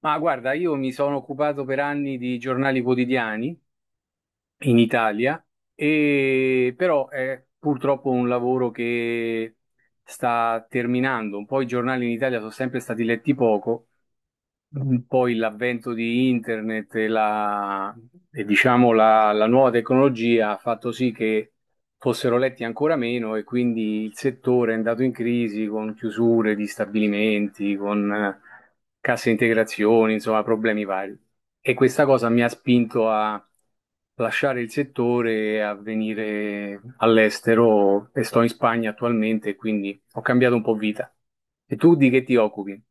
Ma guarda, io mi sono occupato per anni di giornali quotidiani in Italia, e però è purtroppo un lavoro che sta terminando. Un po' i giornali in Italia sono sempre stati letti poco. Mm. Poi l'avvento di internet e, la, e diciamo la nuova tecnologia ha fatto sì che fossero letti ancora meno e quindi il settore è andato in crisi con chiusure di stabilimenti, con casse integrazioni, insomma problemi vari. E questa cosa mi ha spinto a lasciare il settore e a venire all'estero e sto in Spagna attualmente, quindi ho cambiato un po' vita. E tu di che ti occupi?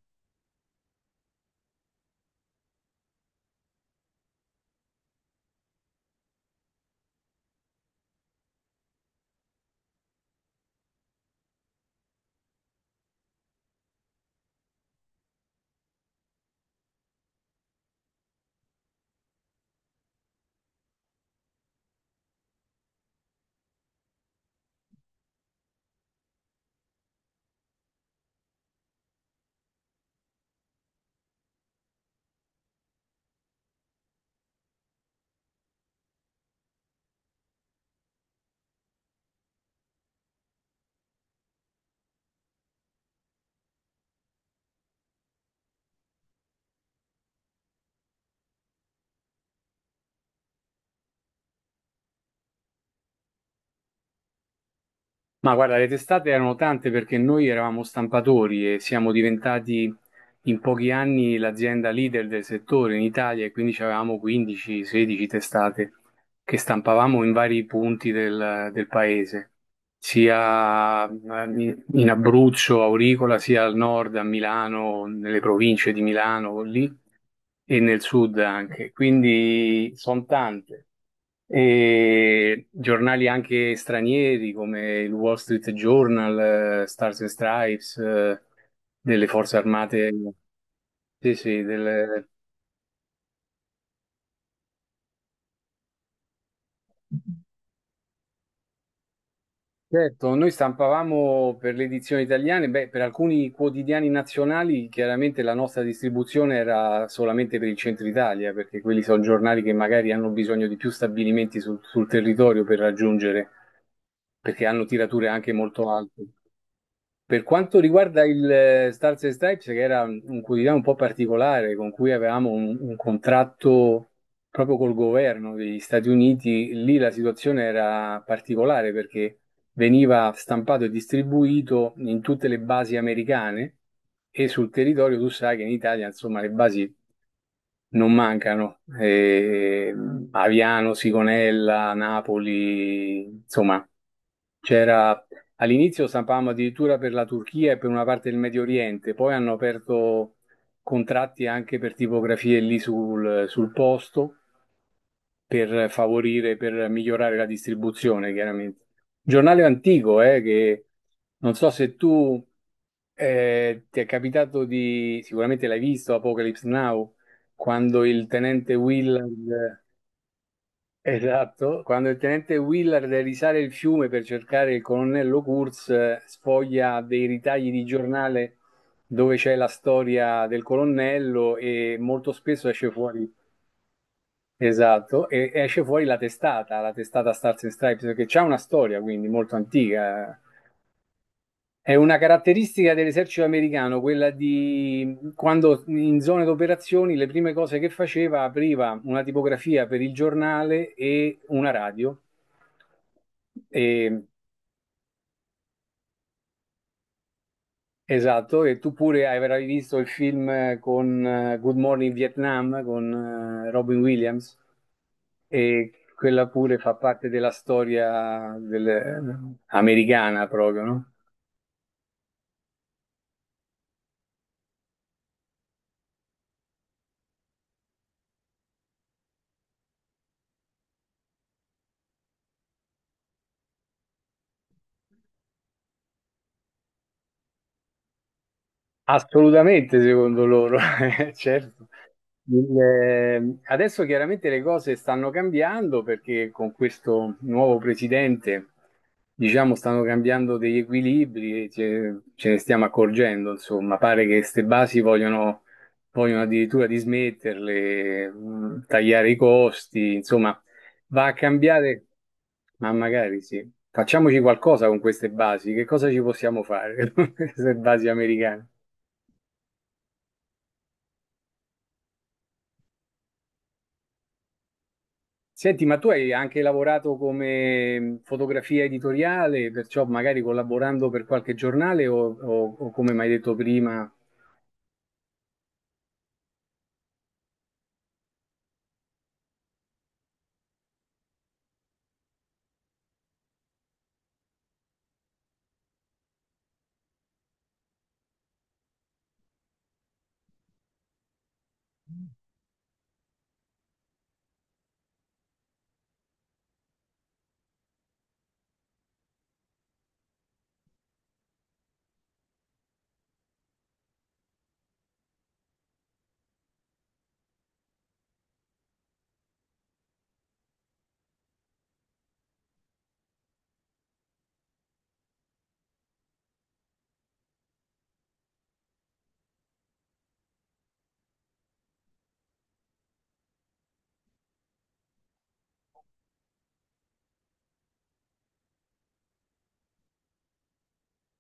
Ma guarda, le testate erano tante perché noi eravamo stampatori e siamo diventati in pochi anni l'azienda leader del settore in Italia e quindi avevamo 15-16 testate che stampavamo in vari punti del paese, sia in Abruzzo, Auricola, sia al nord, a Milano, nelle province di Milano lì e nel sud anche. Quindi sono tante e giornali anche stranieri come il Wall Street Journal, Stars and Stripes, delle forze armate. Sì, sì, certo, noi stampavamo per le edizioni italiane, beh, per alcuni quotidiani nazionali chiaramente la nostra distribuzione era solamente per il centro Italia, perché quelli sono giornali che magari hanno bisogno di più stabilimenti sul territorio per raggiungere, perché hanno tirature anche molto alte. Per quanto riguarda il Stars and Stripes, che era un quotidiano un po' particolare, con cui avevamo un contratto proprio col governo degli Stati Uniti, lì la situazione era particolare perché veniva stampato e distribuito in tutte le basi americane e sul territorio tu sai che in Italia, insomma, le basi non mancano. Aviano, Sigonella, Napoli, insomma, c'era all'inizio stampavamo addirittura per la Turchia e per una parte del Medio Oriente, poi hanno aperto contratti anche per tipografie lì sul posto per favorire, per migliorare la distribuzione, chiaramente. Giornale antico, che non so se tu ti è capitato di, sicuramente l'hai visto, Apocalypse Now, quando il tenente Willard. Esatto, quando il tenente Willard deve risale il fiume per cercare il colonnello Kurz, sfoglia dei ritagli di giornale dove c'è la storia del colonnello e molto spesso esce fuori, esatto, e esce fuori la testata Stars and Stripes, perché c'è una storia quindi molto antica, eh. È una caratteristica dell'esercito americano quella di quando in zone d'operazioni le prime cose che faceva apriva una tipografia per il giornale e una radio. E- esatto, e tu pure avrai visto il film con Good Morning Vietnam con Robin Williams e quella pure fa parte della storia americana proprio, no? Assolutamente, secondo loro, certo. Il, adesso chiaramente le cose stanno cambiando perché con questo nuovo presidente, diciamo, stanno cambiando degli equilibri e ce, ce ne stiamo accorgendo, insomma, pare che queste basi vogliono, vogliono addirittura dismetterle, tagliare i costi, insomma, va a cambiare, ma magari sì. Facciamoci qualcosa con queste basi, che cosa ci possiamo fare con queste basi americane? Senti, ma tu hai anche lavorato come fotografia editoriale, perciò magari collaborando per qualche giornale o, o come mi hai detto prima.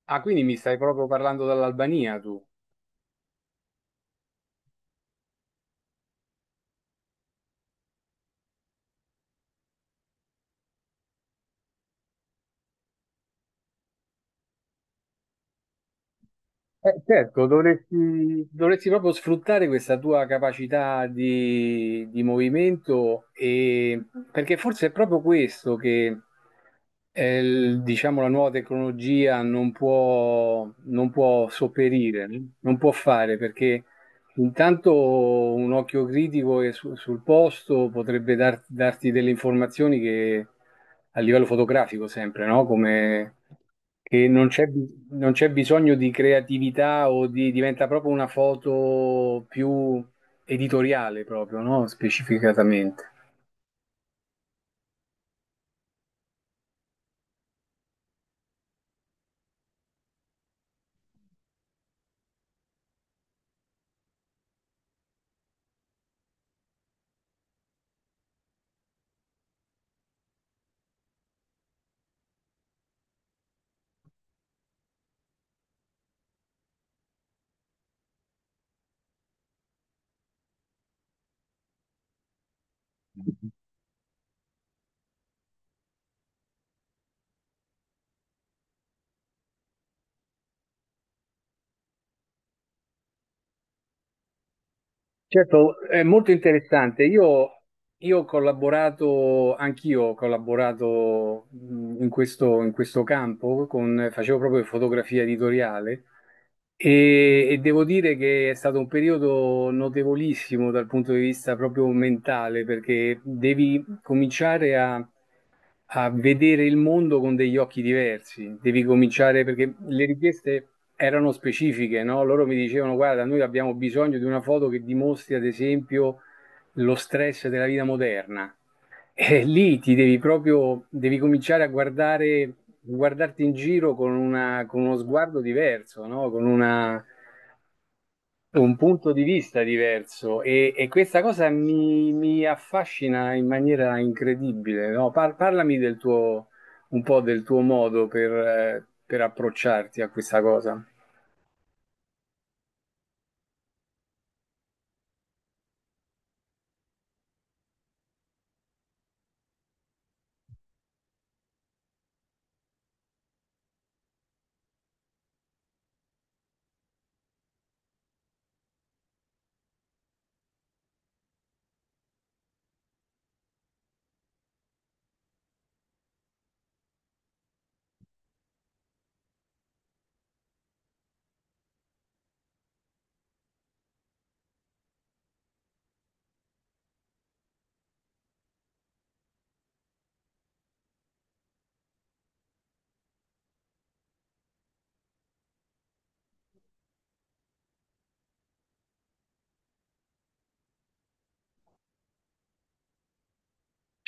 Ah, quindi mi stai proprio parlando dall'Albania tu? Certo, dovresti, dovresti proprio sfruttare questa tua capacità di movimento e, perché forse è proprio questo che diciamo, la nuova tecnologia non può, non può sopperire, non può fare perché intanto un occhio critico e sul posto potrebbe darti delle informazioni che a livello fotografico sempre, no? Come che non c'è non c'è bisogno di creatività o di diventa proprio una foto più editoriale proprio, no? Specificatamente. Certo, è molto interessante. Io ho collaborato, anch'io ho collaborato in questo campo, facevo proprio fotografia editoriale e devo dire che è stato un periodo notevolissimo dal punto di vista proprio mentale, perché devi cominciare a vedere il mondo con degli occhi diversi. Devi cominciare perché le richieste erano specifiche, no? Loro mi dicevano: guarda, noi abbiamo bisogno di una foto che dimostri, ad esempio, lo stress della vita moderna. E lì ti devi proprio, devi cominciare a guardare, guardarti in giro con con uno sguardo diverso, no? Con una un punto di vista diverso e questa cosa mi, mi affascina in maniera incredibile, no? Parlami del tuo, un po' del tuo modo per approcciarti a questa cosa.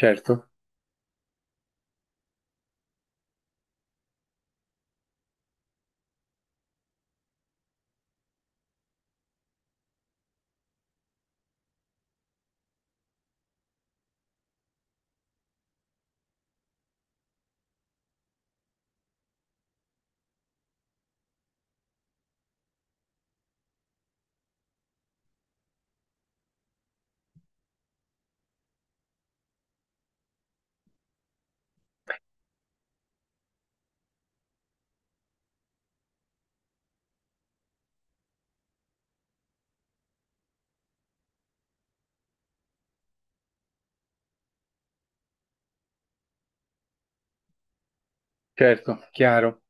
Certo, certo, chiaro.